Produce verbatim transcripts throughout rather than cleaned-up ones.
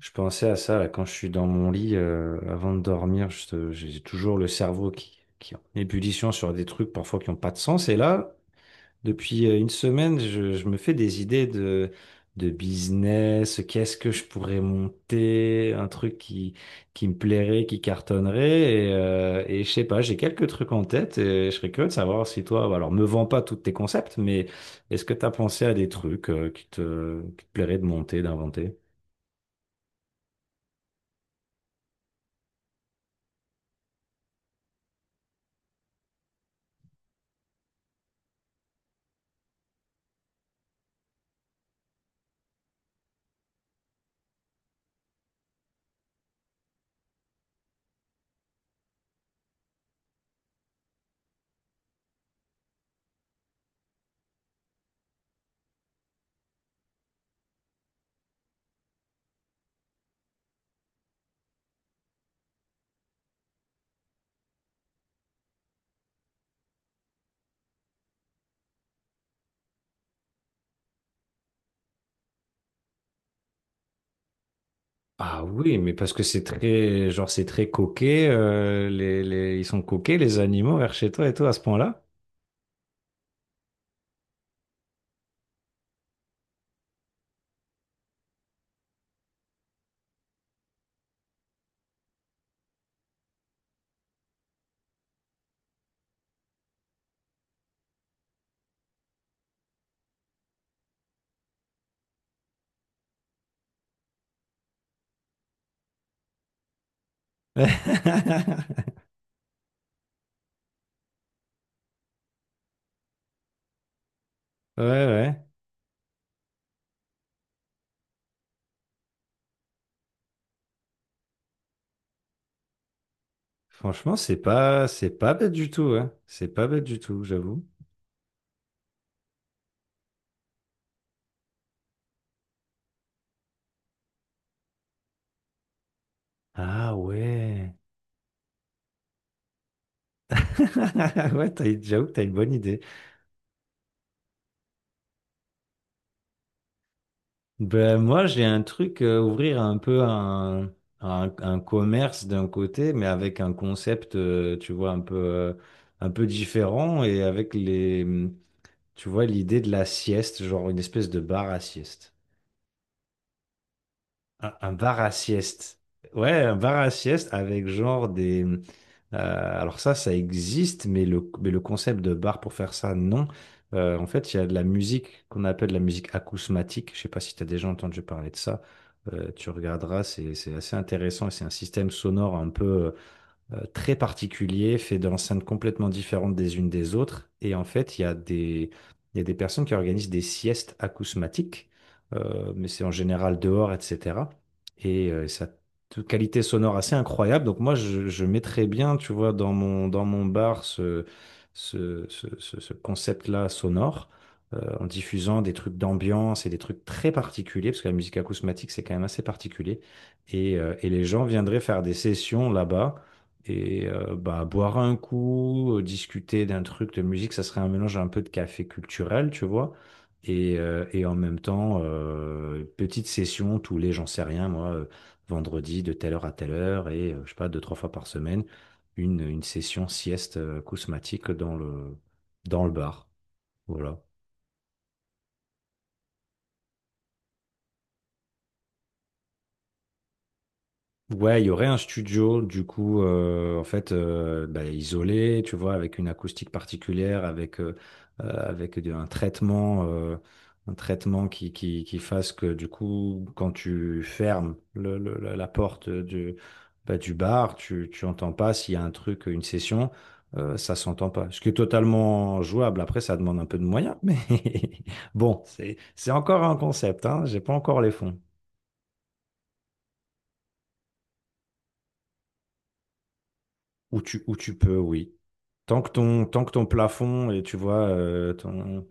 Je pensais à ça là, quand je suis dans mon lit euh, avant de dormir, je- te- j'ai toujours le cerveau qui, qui est en ébullition sur des trucs parfois qui n'ont pas de sens. Et là, depuis euh, une semaine, je, je me fais des idées de, de business, qu'est-ce que je pourrais monter, un truc qui, qui me plairait, qui cartonnerait. Et, euh, et je sais pas, j'ai quelques trucs en tête et je serais curieux de savoir si toi, bah, alors me vends pas tous tes concepts, mais est-ce que tu as pensé à des trucs euh, qui te, qui te plairaient de monter, d'inventer? Ah oui, mais parce que c'est très, genre, c'est très coquet. Euh, les, les- ils sont coquets, les animaux, vers chez toi et tout, à ce point-là. Ouais, ouais. Franchement, c'est pas, c'est pas bête du tout, hein. C'est pas bête du tout, j'avoue. Ah ouais. Ouais, t'as, j'avoue que t'as une bonne idée. Ben, moi, j'ai un truc, euh, ouvrir un peu un, un, un commerce d'un côté, mais avec un concept, euh, tu vois, un peu, euh, un peu différent et avec les, tu vois, l'idée de la sieste, genre une espèce de bar à sieste. Un, un bar à sieste. Ouais, un bar à sieste avec genre des... euh, alors ça, ça existe, mais le, mais le concept de bar pour faire ça, non. Euh, en fait, il y a de la musique qu'on appelle la musique acousmatique. Je sais pas si tu as déjà entendu parler de ça. Euh, tu regarderas, c'est, c'est assez intéressant et c'est un système sonore un peu euh, euh, très particulier, fait d'enceintes complètement différentes des unes des autres. Et en fait, il y a des, il y a des personnes qui organisent des siestes acousmatiques, euh, mais c'est en général dehors, et cetera. Et euh, ça a une qualité sonore assez incroyable. Donc moi, je, je mettrais bien, tu vois, dans mon, dans mon bar ce, ce, ce, ce- ce concept-là sonore, euh, en diffusant des trucs d'ambiance et des trucs très particuliers, parce que la musique acousmatique, c'est quand même assez particulier. Et, euh, et les gens viendraient faire des sessions là-bas et euh, bah, boire un coup, euh, discuter d'un truc de musique, ça serait un mélange un peu de café culturel, tu vois. Et, euh, et en même temps, euh, petite session tous les, j'en sais rien, moi, euh, vendredi de telle heure à telle heure et, euh, je sais pas, deux, trois fois par semaine, une, une session sieste euh, acousmatique dans le, dans le bar. Voilà. Ouais, il y aurait un studio, du coup, euh, en fait, euh, bah, isolé, tu vois, avec une acoustique particulière, avec, euh, euh, avec de- un traitement, euh, un traitement qui, qui, qui fasse que, du coup, quand tu fermes le- le- la la porte du, bah, du bar, tu, tu entends pas s'il y a un truc, une session, euh, ça s'entend pas. Ce qui est totalement jouable. Après, ça demande un peu de moyens, mais bon, c'est, c'est encore un concept, hein, j'ai pas encore les fonds. Où tu, où tu peux, oui. Tant que ton, tant que ton plafond, et tu vois, euh, ton,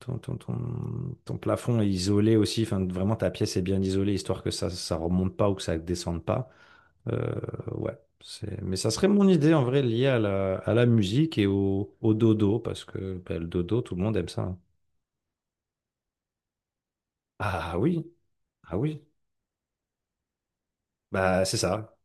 ton, ton, ton- ton plafond est isolé aussi, enfin, vraiment ta pièce est bien isolée, histoire que ça ça remonte pas ou que ça descende pas. Euh, ouais, c'est... Mais ça serait mon idée, en vrai, liée à la, à la musique et au, au dodo, parce que bah, le dodo, tout le monde aime ça. Hein. Ah oui, ah oui, bah c'est ça.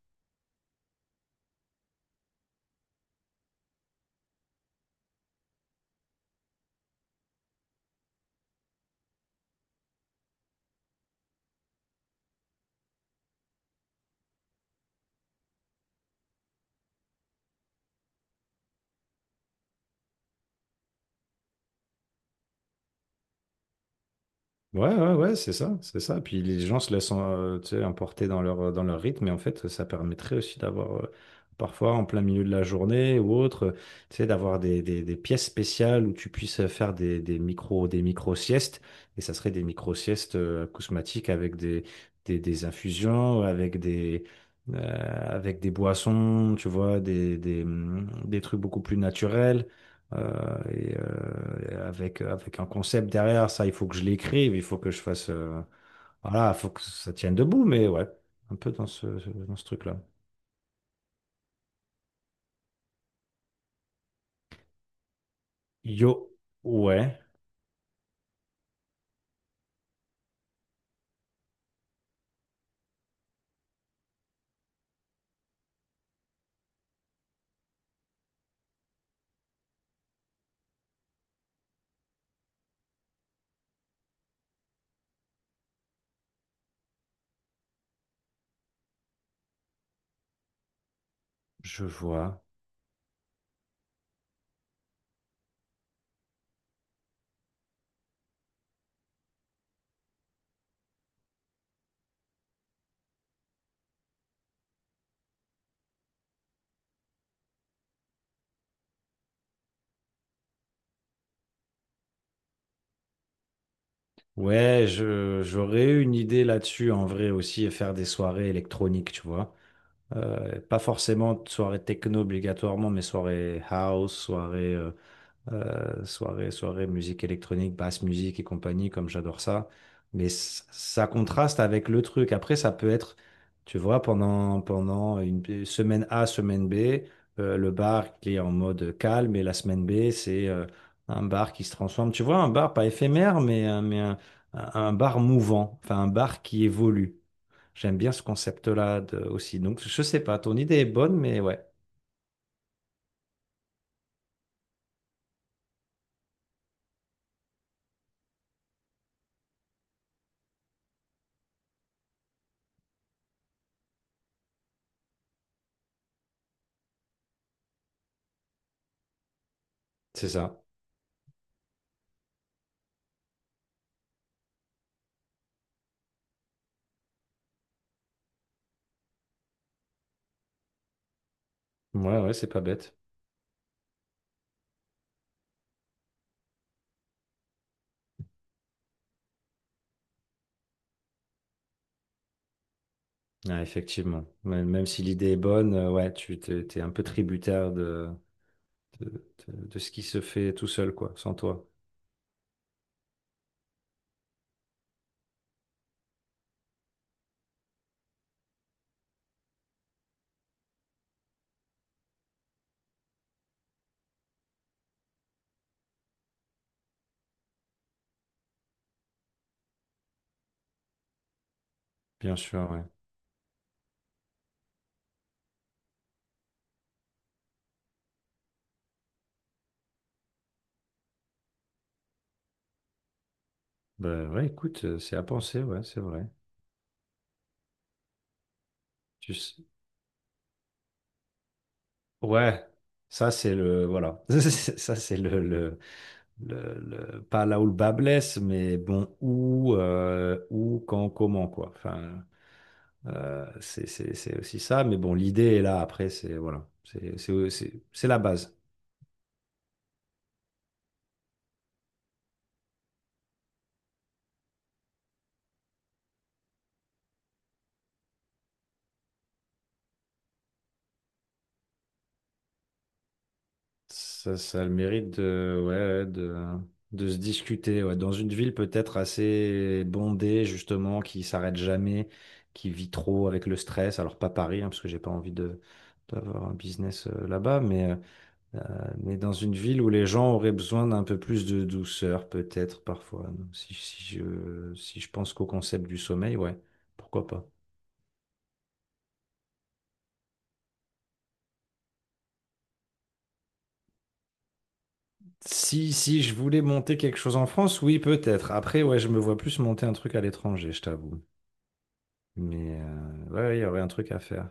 Ouais, ouais, ouais, c'est ça, c'est ça. Puis les gens se laissent euh, tu sais, emporter dans leur, dans leur rythme, et en fait, ça permettrait aussi d'avoir, euh, parfois en plein milieu de la journée ou autre, euh, tu sais, d'avoir des, des, des pièces spéciales où tu puisses faire des, des micro, des micro-siestes, et ça serait des micro-siestes euh, acousmatiques avec des, des, des infusions, avec des, euh, avec des boissons, tu vois, des, des, hum, des trucs beaucoup plus naturels. Euh, et euh, avec, avec un concept derrière, ça, il faut que je l'écrive, il faut que je fasse. Euh, voilà, il faut que ça tienne debout, mais ouais, un peu dans ce, ce- dans ce truc-là. Yo, ouais, je vois. Ouais, je, j'aurais eu une idée là-dessus en vrai aussi, et faire des soirées électroniques, tu vois. Euh, pas forcément de soirée techno obligatoirement, mais soirée house, soirée euh, soirée, soirée musique électronique, basse musique et compagnie, comme j'adore ça. Mais c- ça contraste avec le truc. Après, ça peut être, tu vois, pendant, pendant une semaine A, semaine B, euh, le bar qui est en mode calme et la semaine B, c'est euh, un bar qui se transforme. Tu vois, un bar pas éphémère, mais, un- mais un, un bar mouvant, enfin un bar qui évolue. J'aime bien ce concept-là de- aussi. Donc, je sais pas, ton idée est bonne, mais ouais, c'est ça. Ouais, ouais, c'est pas bête. Ouais, effectivement. Même même si l'idée est bonne, euh, ouais, tu t'es, t'es un peu tributaire de, de, de- de ce qui se fait tout seul, quoi, sans toi. Bien sûr, ouais. Bah, ouais, écoute, euh, c'est à penser, ouais, c'est vrai. Tu s- Ouais, ça c'est le, voilà. Ça c'est le, le, le, le- pas là où le bas blesse, mais bon, où, euh, où, quand, comment, quoi. Enfin, euh, c'est c'est- c'est aussi ça, mais bon, l'idée est là, après, c'est, voilà, c'est c'est- c'est- c'est la base. Ça, ça a le mérite de, ouais, ouais, de, de se discuter. Ouais. Dans une ville peut-être assez bondée, justement, qui s'arrête jamais, qui vit trop avec le stress. Alors pas Paris, hein, parce que j'ai pas envie de, d'avoir un business euh, là-bas, mais, euh, mais dans une ville où les gens auraient besoin d'un peu plus de douceur, peut-être parfois. Donc, si, si je, si je pense qu'au concept du sommeil, ouais, pourquoi pas. Si, si je voulais monter quelque chose en France, oui, peut-être. Après, ouais, je me vois plus monter un truc à l'étranger, je t'avoue. Mais euh, ouais, ouais, il y aurait un truc à faire.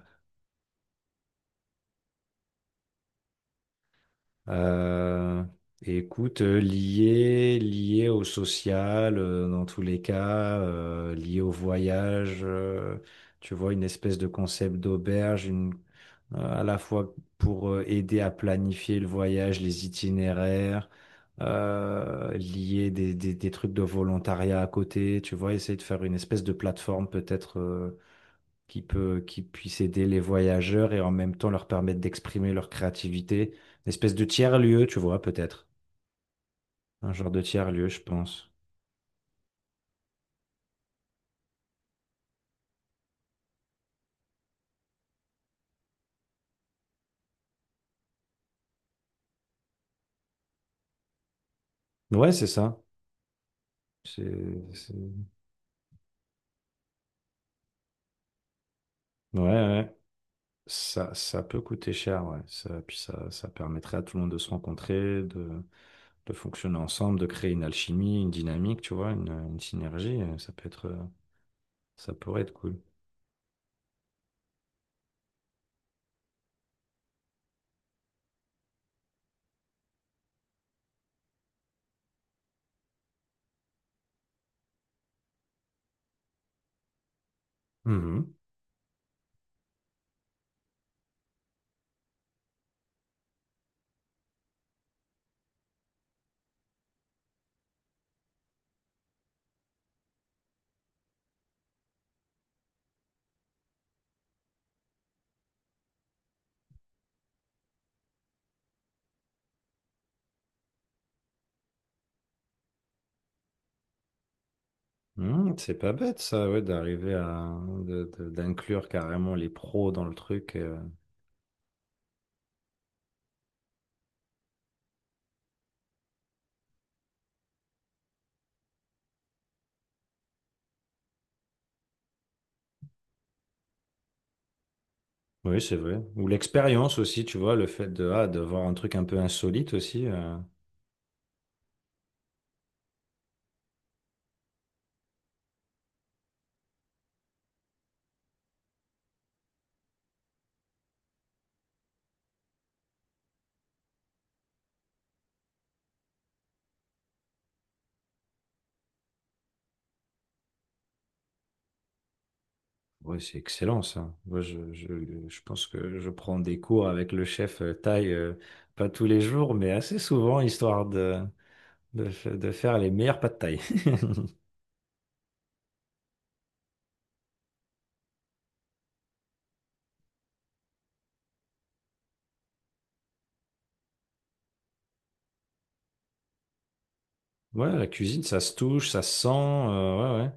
Euh, Écoute, euh, lié, lié au social, euh, dans tous les cas, euh, lié au voyage, euh, tu vois, une espèce de concept d'auberge, une, euh, à la fois pour euh, aider à planifier le voyage, les itinéraires, euh, lier des, des, des trucs de volontariat à côté, tu vois, essayer de faire une espèce de plateforme peut-être. Euh, qui peut, qui puisse aider les voyageurs et en même temps leur permettre d'exprimer leur créativité. Une espèce de tiers-lieu, tu vois, peut-être. Un genre de tiers-lieu, je pense. Ouais, c'est ça. C'est, c'est- Ouais, ouais. Ça, ça peut coûter cher, ouais. Ça, puis ça, ça permettrait à tout le monde de se rencontrer, de, de fonctionner ensemble, de créer une alchimie, une dynamique, tu vois, une, une synergie. Ça peut être, ça pourrait être cool. Mhm. Hmm, c'est pas bête ça, ouais, d'arriver à de- de- d'inclure carrément les pros dans le truc. Euh. Oui, c'est vrai. Ou l'expérience aussi, tu vois, le fait de, ah, de voir un truc un peu insolite aussi. Euh. Ouais, c'est excellent ça. Moi, je, je, je pense que je prends des cours avec le chef euh, thaï, euh, pas tous les jours, mais assez souvent, histoire de, de, f- de faire les meilleurs pâtes de thaï. Ouais, la cuisine, ça se touche, ça se sent. Euh, ouais,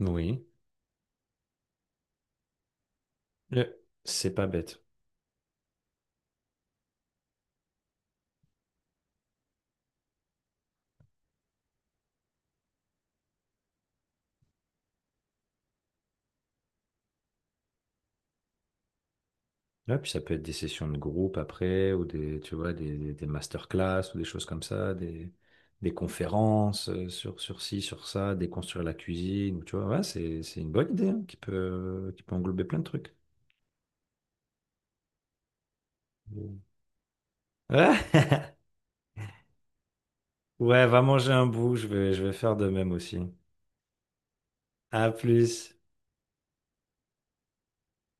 ouais. Oui. Euh, C'est pas bête. Ouais, puis ça peut être des sessions de groupe après, ou des, tu vois, des, des des masterclass, ou des choses comme ça, des, des conférences euh, sur, sur ci, sur ça, déconstruire la cuisine, ou tu vois, ouais, c'est, c'est une bonne idée, hein, qui peut, qui peut englober plein de trucs. Ouais, ouais, va manger un bout, je vais, je vais faire de même aussi. À plus.